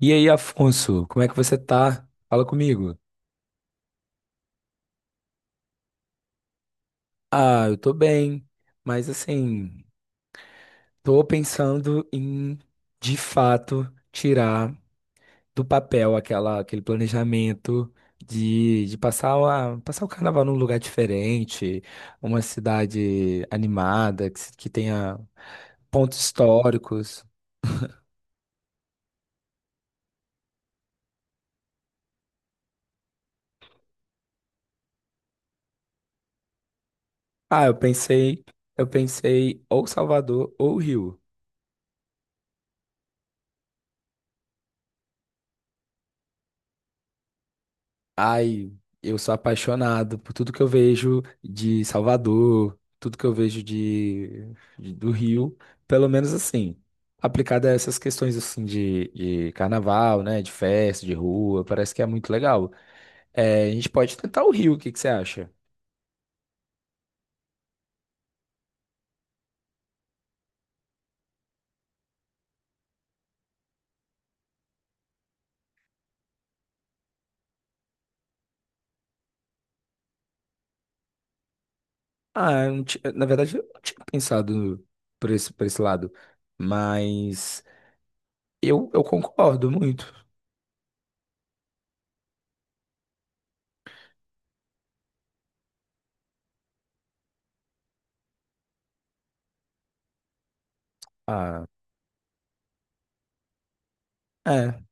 E aí, Afonso, como é que você tá? Fala comigo. Ah, eu tô bem, mas assim, tô pensando em, de fato, tirar do papel aquele planejamento de passar, passar o carnaval num lugar diferente, uma cidade animada, que, que tenha pontos históricos. Ah, eu pensei, eu pensei ou Salvador ou Rio. Ai, eu sou apaixonado por tudo que eu vejo de Salvador, tudo que eu vejo do Rio, pelo menos assim, aplicado a essas questões assim de carnaval, né, de festa, de rua, parece que é muito legal. É, a gente pode tentar o Rio, o que que você acha? Ah, eu não ti- na verdade, eu não tinha pensado por esse lado, mas eu concordo muito. Ah, é,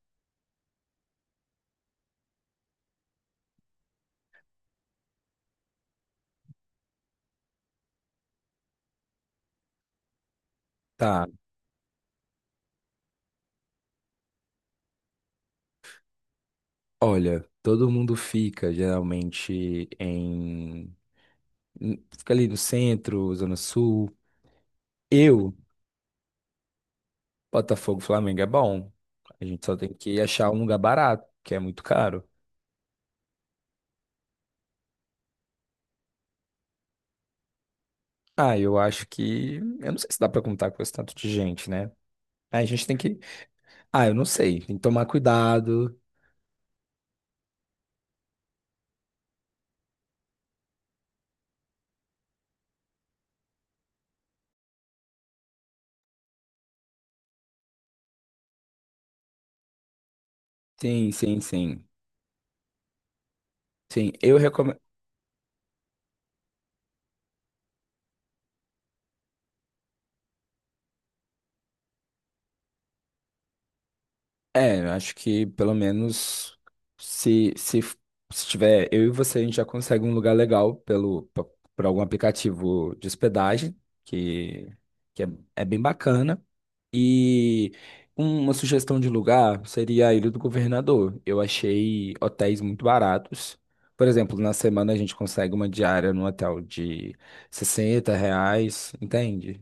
tá. Olha, todo mundo fica geralmente Fica ali no centro, Zona Sul. Eu, Botafogo, Flamengo é bom. A gente só tem que achar um lugar barato, que é muito caro. Ah, eu acho que. Eu não sei se dá pra contar com esse tanto de gente, né? A gente tem que. Ah, eu não sei. Tem que tomar cuidado. Sim, sim, sim. Sim, eu recomendo. É, eu acho que pelo menos se, se, se tiver eu e você, a gente já consegue um lugar legal por algum aplicativo de hospedagem, que, que é, é bem bacana. E uma sugestão de lugar seria a Ilha do Governador. Eu achei hotéis muito baratos. Por exemplo, na semana a gente consegue uma diária num hotel de R$ 60, entende?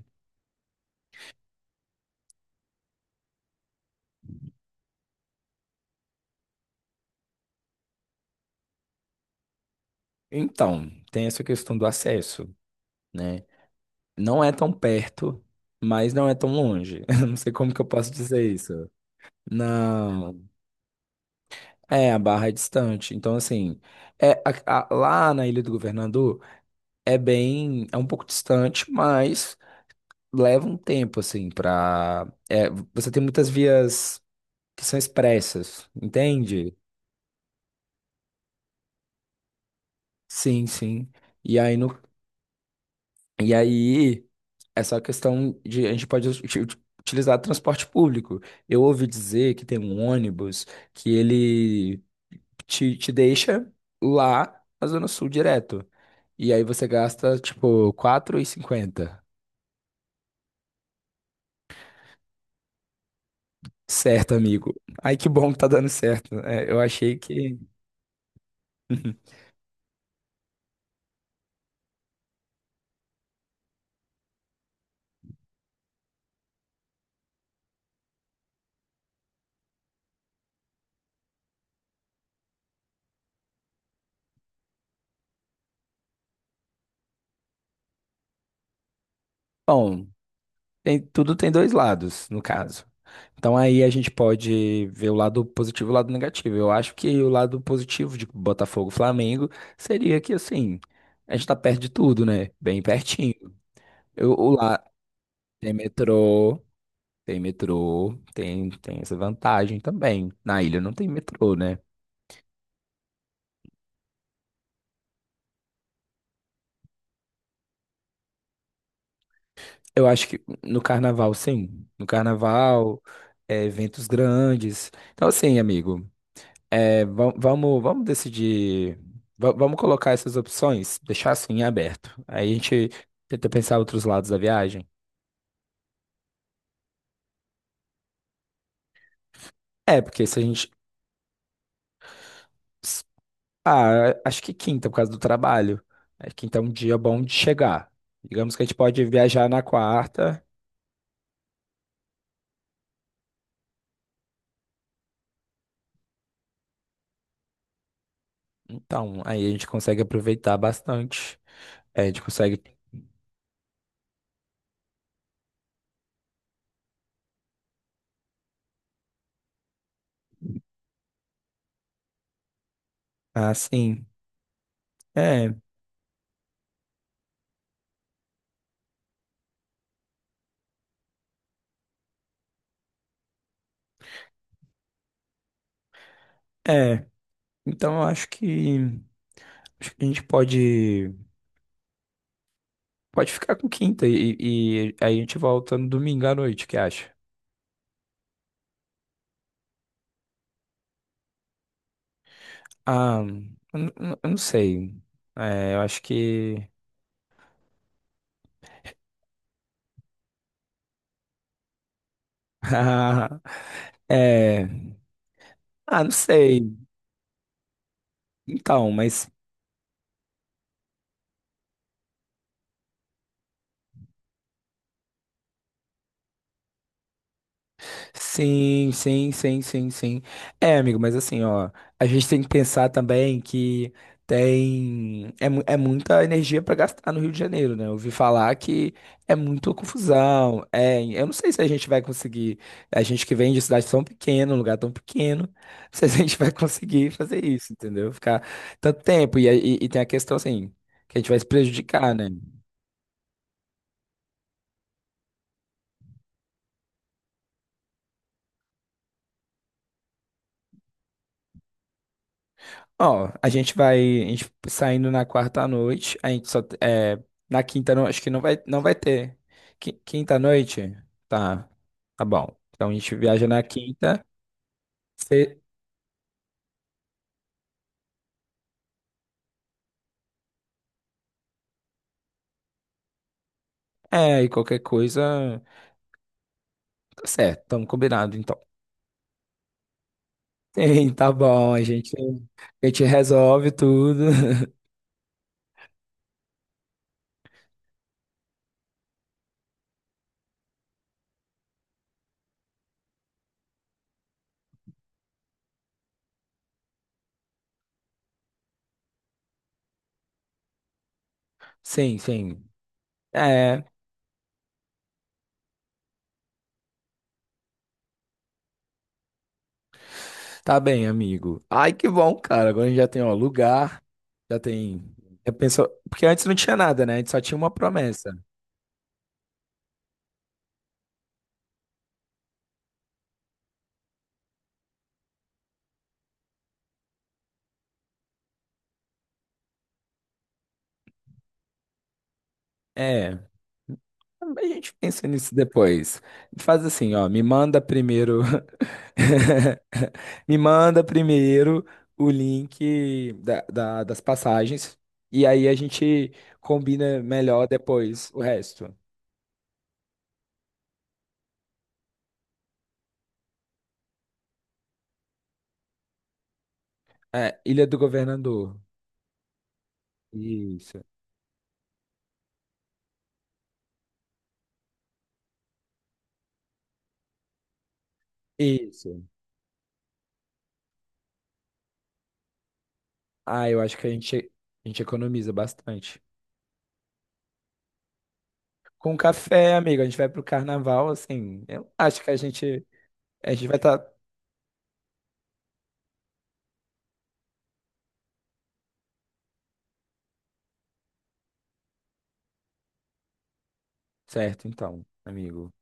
Então, tem essa questão do acesso, né? Não é tão perto, mas não é tão longe. Eu não sei como que eu posso dizer isso. Não. É, a Barra é distante. Então, assim, é, lá na Ilha do Governador é bem, é um pouco distante, mas leva um tempo, assim, pra. É, você tem muitas vias que são expressas, entende? Sim, sim. E aí no, e aí essa questão de a gente pode utilizar transporte público. Eu ouvi dizer que tem um ônibus que ele te deixa lá na Zona Sul direto. E aí você gasta, tipo, 4,50. Certo, amigo. Ai, que bom que tá dando certo. É, eu achei que. Bom, tudo tem dois lados, no caso. Então aí a gente pode ver o lado positivo e o lado negativo. Eu acho que o lado positivo de Botafogo e Flamengo seria que assim, a gente tá perto de tudo, né? Bem pertinho. Eu, o lá tem metrô, tem metrô, tem, tem essa vantagem também. Na ilha não tem metrô, né? Eu acho que no carnaval, sim. No carnaval, é, eventos grandes. Então, assim, amigo. É, vamos decidir. Vamos colocar essas opções, deixar assim em aberto. Aí a gente tenta pensar outros lados da viagem. É, porque se a gente. s- Ah, acho que quinta, por causa do trabalho. É, quinta é um dia bom de chegar. Digamos que a gente pode viajar na quarta. Então, aí a gente consegue aproveitar bastante. É, a gente consegue. Ah, sim. É, é. Então, eu acho que, acho que a gente pode. Pode ficar com quinta e aí a gente volta no domingo à noite, o que acha? Ah, eu não sei. É, eu acho que. É, ah, não sei. Então, mas sim, sim, sim, sim, sim. É, amigo, mas assim, ó, a gente tem que pensar também que é muita energia para gastar no Rio de Janeiro, né? Eu ouvi falar que é muita confusão. É, eu não sei se a gente vai conseguir, a gente que vem de cidade tão pequena, um lugar tão pequeno, se a gente vai conseguir fazer isso, entendeu? Ficar tanto tempo e tem a questão assim, que a gente vai se prejudicar, né? Ó, a gente saindo na quarta à noite, a gente só é, na quinta não, acho que não vai ter. Quinta à noite? Tá. Tá bom. Então a gente viaja na quinta. Se, é, e qualquer coisa, tá certo, estamos combinado então. Sim, tá bom, a gente resolve tudo. Sim, sim. É. Tá bem, amigo. Ai, que bom, cara. Agora a gente já tem, ó, lugar, já tem. Já pensou, porque antes não tinha nada, né? A gente só tinha uma promessa. É, a gente pensa nisso depois. Faz assim, ó, me manda primeiro, me manda primeiro o link das passagens e aí a gente combina melhor depois o resto. É, Ilha do Governador. Isso, isso. Ah, eu acho que a gente economiza bastante. Com café, amigo, a gente vai pro carnaval, assim, eu acho que a gente vai estar certo, então, amigo.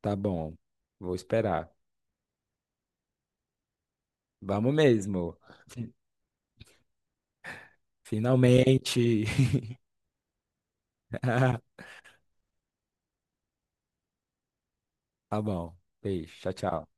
Tá bom, vou esperar. Vamos mesmo. Finalmente. Tá bom. Beijo, tchau, tchau.